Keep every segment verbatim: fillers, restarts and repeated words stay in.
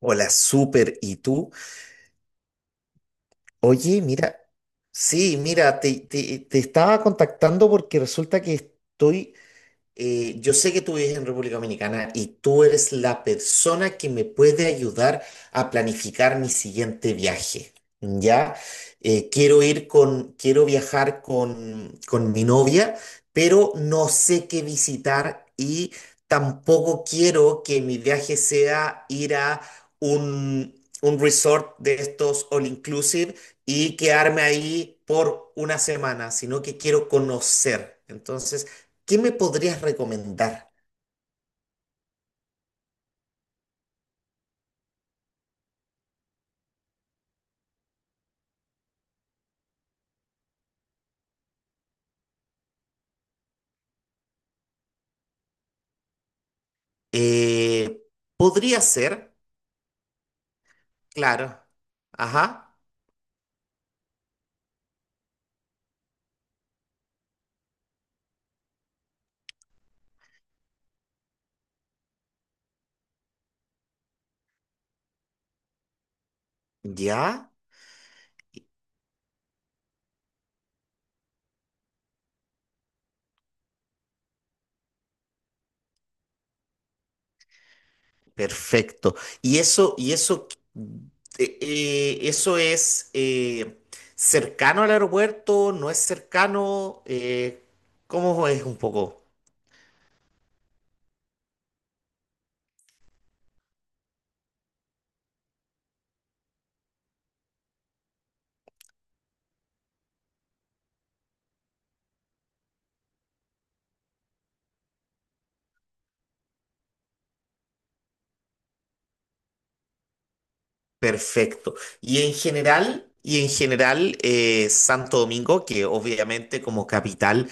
Hola, súper. ¿Y tú? Oye, mira, sí, mira, te, te- te estaba contactando porque resulta que estoy, eh, yo sé que tú vives en República Dominicana y tú eres la persona que me puede ayudar a planificar mi siguiente viaje, ¿ya? Eh, quiero ir con, quiero viajar con, con mi novia, pero no sé qué visitar y tampoco quiero que mi viaje sea ir a un, un resort de estos all inclusive y quedarme ahí por una semana, sino que quiero conocer. Entonces, ¿qué me podrías recomendar? Eh, Podría ser, claro. Ajá, ya, perfecto. Y eso, y eso, eh, eh, Eso es eh, cercano al aeropuerto, no es cercano. Eh, ¿cómo es un poco? Perfecto. Y en general, y en general, eh, Santo Domingo, que obviamente como capital,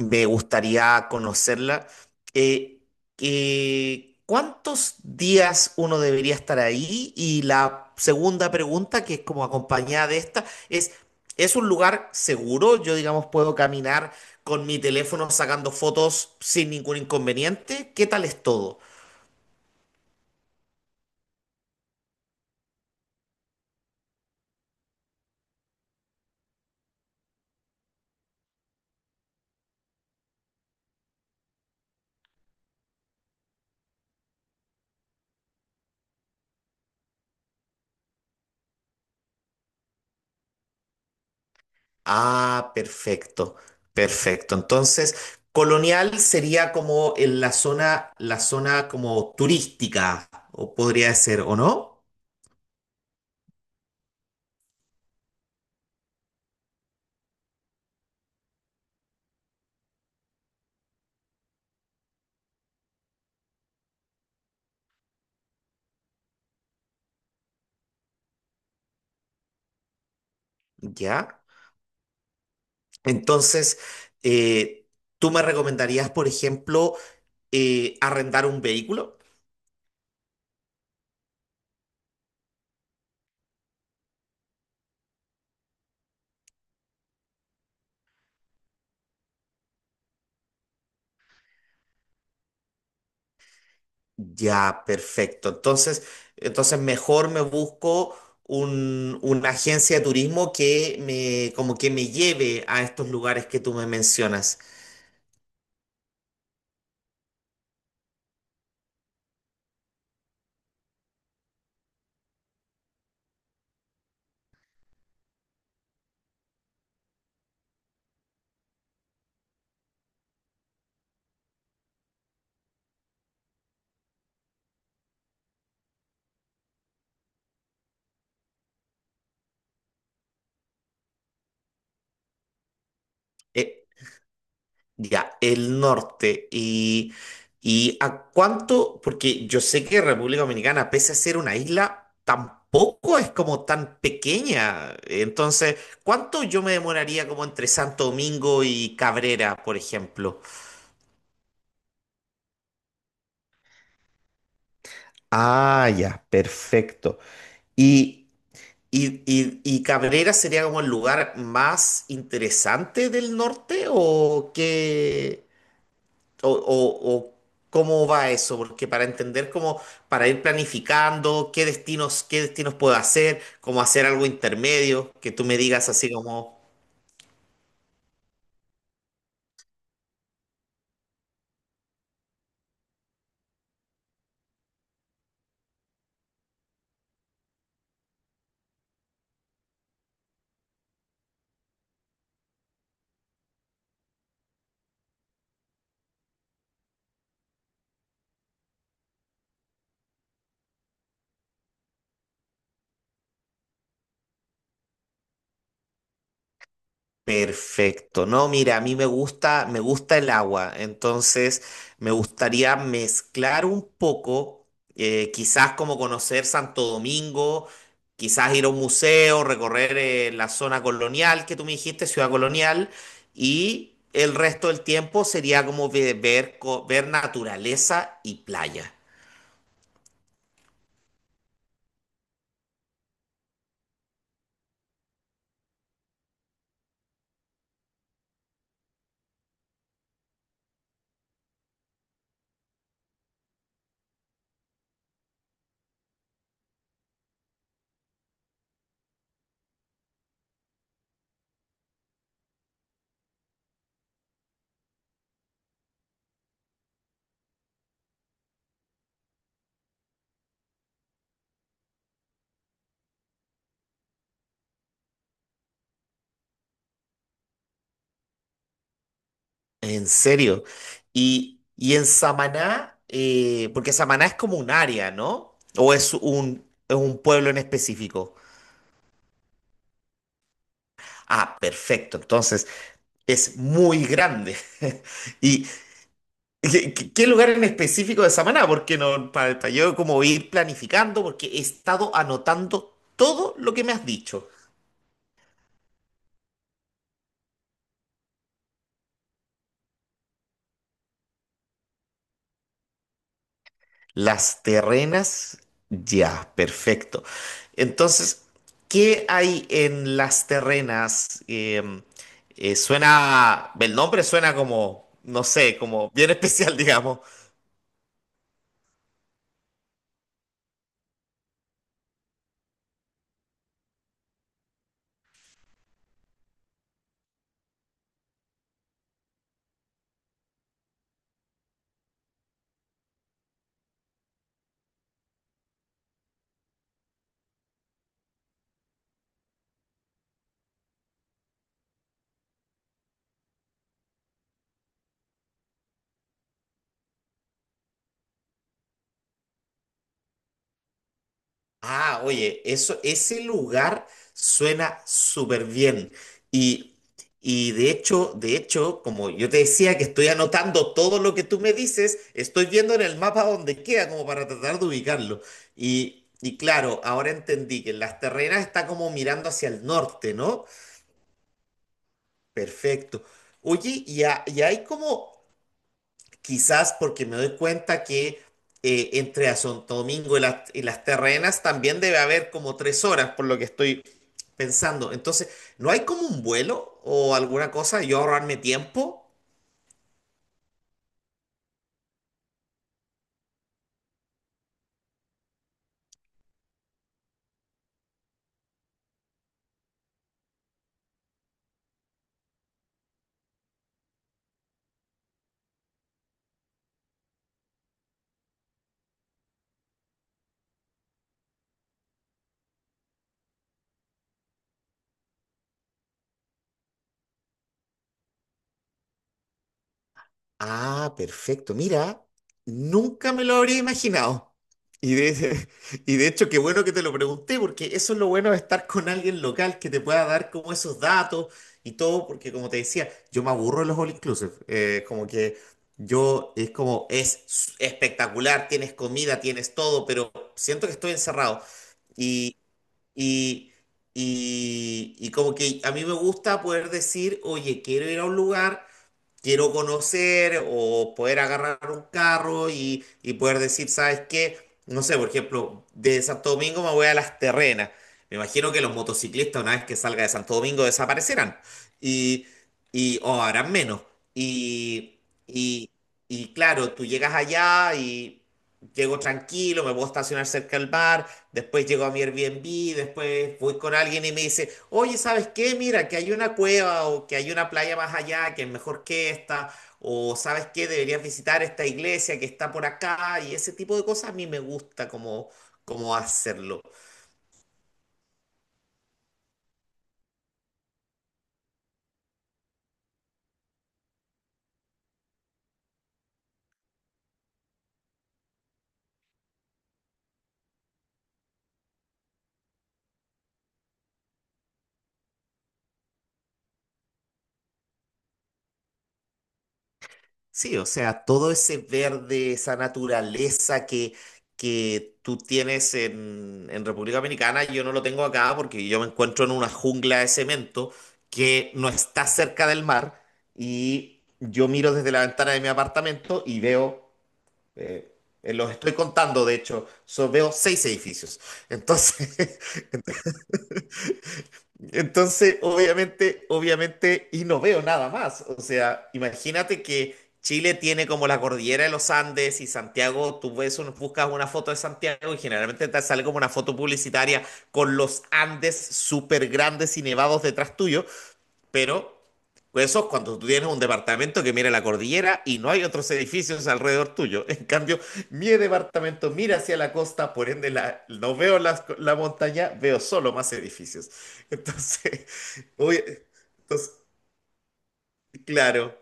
me gustaría conocerla. Eh, que- ¿Cuántos días uno debería estar ahí? Y la segunda pregunta, que es como acompañada de esta, es: ¿es un lugar seguro? Yo, digamos, puedo caminar con mi teléfono sacando fotos sin ningún inconveniente. ¿Qué tal es todo? Ah, perfecto, perfecto. Entonces, Colonial sería como en la zona, la zona como turística, o podría ser, ¿o no? Ya. Entonces, eh, ¿tú me recomendarías, por ejemplo, eh, arrendar un vehículo? Ya, perfecto. Entonces, entonces mejor me busco un- una agencia de turismo que me, como que me lleve a estos lugares que tú me mencionas. Eh, Ya, el norte. ¿Y, y a cuánto? Porque yo sé que República Dominicana, pese a ser una isla, tampoco es como tan pequeña. Entonces, ¿cuánto yo me demoraría como entre Santo Domingo y Cabrera, por ejemplo? Ah, ya, perfecto. Y ¿y, y, y Cabrera sería como el lugar más interesante del norte o qué? o, o- o cómo va eso, porque para entender cómo, para ir planificando qué destinos, qué destinos puedo hacer, cómo hacer algo intermedio, que tú me digas así como... Perfecto. No, mira, a mí me gusta, me gusta el agua, entonces me gustaría mezclar un poco, eh, quizás como conocer Santo Domingo, quizás ir a un museo, recorrer eh, la zona colonial que tú me dijiste, ciudad colonial, y el resto del tiempo sería como ve- ver, co- ver naturaleza y playa. En serio. Y, y en Samaná, eh, porque Samaná es como un área, ¿no? ¿O es un, es un pueblo en específico? Ah, perfecto. Entonces, es muy grande. ¿Y qué, qué- qué lugar en específico de Samaná? Porque no, para, para yo como ir planificando, porque he estado anotando todo lo que me has dicho. Las Terrenas, ya, perfecto. Entonces, ¿qué hay en Las Terrenas? Em, eh, suena, el nombre suena como, no sé, como bien especial, digamos. Ah, oye, eso, ese lugar suena súper bien. Y, y de hecho, de hecho, como yo te decía que estoy anotando todo lo que tú me dices, estoy viendo en el mapa dónde queda, como para tratar de ubicarlo. Y, y claro, ahora entendí que en Las Terrenas está como mirando hacia el norte, ¿no? Perfecto. Oye, y, ha- y hay como... Quizás porque me doy cuenta que, eh, entre a Santo Domingo y, las- y Las Terrenas también debe haber como tres horas, por lo que estoy pensando. Entonces, ¿no hay como un vuelo o alguna cosa? Yo ahorrarme tiempo. Ah, perfecto. Mira, nunca me lo habría imaginado. Y de, y de hecho, qué bueno que te lo pregunté, porque eso es lo bueno de estar con alguien local que te pueda dar como esos datos y todo, porque como te decía, yo me aburro de los all inclusive. Eh, como que yo es como, es s- espectacular, tienes comida, tienes todo, pero siento que estoy encerrado. Y, y, y, y como que a mí me gusta poder decir: oye, quiero ir a un lugar, quiero conocer, o poder agarrar un carro y, y poder decir: ¿sabes qué? No sé, por ejemplo, de Santo Domingo me voy a Las Terrenas. Me imagino que los motociclistas una vez que salga de Santo Domingo desaparecerán y, y o harán menos. Y, y, y claro, tú llegas allá y... Llego tranquilo, me puedo estacionar cerca del bar, después llego a mi Airbnb, después voy con alguien y me dice: oye, ¿sabes qué? Mira, que hay una cueva o que hay una playa más allá que es mejor que esta, o ¿sabes qué? Deberías visitar esta iglesia que está por acá. Y ese tipo de cosas a mí me gusta como, como hacerlo. Sí, o sea, todo ese verde, esa naturaleza que, que tú tienes en, en República Dominicana, yo no lo tengo acá porque yo me encuentro en una jungla de cemento que no está cerca del mar, y yo miro desde la ventana de mi apartamento y veo, eh, eh, los estoy contando, de hecho, so- veo seis edificios. Entonces, entonces, obviamente, obviamente, y no veo nada más. O sea, imagínate que Chile tiene como la cordillera de los Andes y Santiago, tú ves, un- buscas una foto de Santiago y generalmente te sale como una foto publicitaria con los Andes súper grandes y nevados detrás tuyo, pero pues eso es cuando tú tienes un departamento que mira la cordillera y no hay otros edificios alrededor tuyo. En cambio, mi departamento mira hacia la costa, por ende la- no veo las co- la, montaña, veo solo más edificios. Entonces, oye, entonces, claro.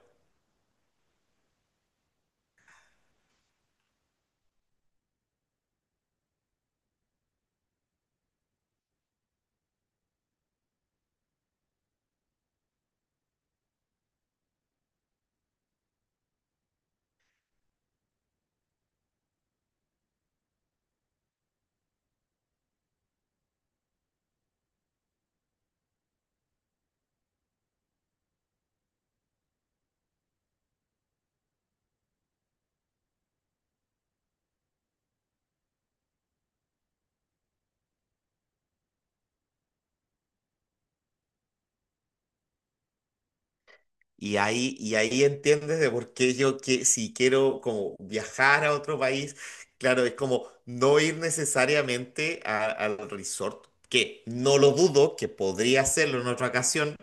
Y ahí, y ahí entiendes de por qué yo, que si quiero como viajar a otro país, claro, es como no ir necesariamente a- al resort, que no lo dudo, que podría hacerlo en otra ocasión,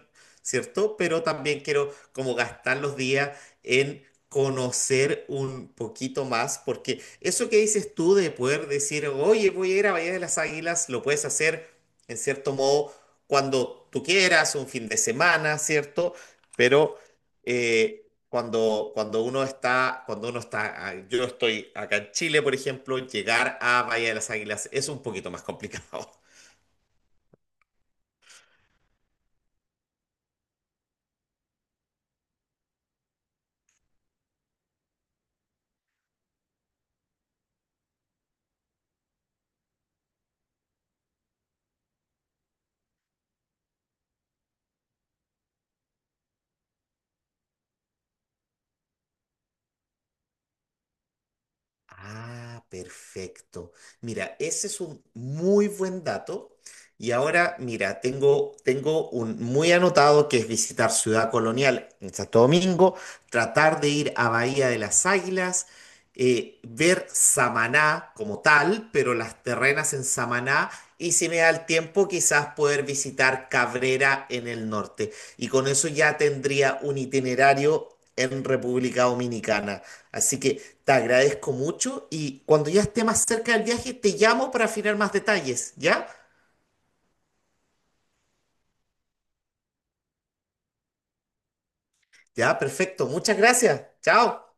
¿cierto? Pero también quiero como gastar los días en conocer un poquito más, porque eso que dices tú de poder decir: oye, voy a ir a Bahía de las Águilas, lo puedes hacer en cierto modo cuando tú quieras, un fin de semana, ¿cierto? Pero eh, cuando, cuando uno está, cuando uno está, ah, yo estoy acá en Chile, por ejemplo, llegar a Bahía de las Águilas es un poquito más complicado. Ah, perfecto. Mira, ese es un muy buen dato. Y ahora, mira, tengo, tengo un muy anotado, que es visitar Ciudad Colonial en Santo Domingo, tratar de ir a Bahía de las Águilas, eh, ver Samaná como tal, pero Las Terrenas en Samaná, y si me da el tiempo, quizás poder visitar Cabrera en el norte. Y con eso ya tendría un itinerario en República Dominicana. Así que... te agradezco mucho y cuando ya esté más cerca del viaje te llamo para afinar más detalles, ¿ya? Ya, perfecto. Muchas gracias. Chao.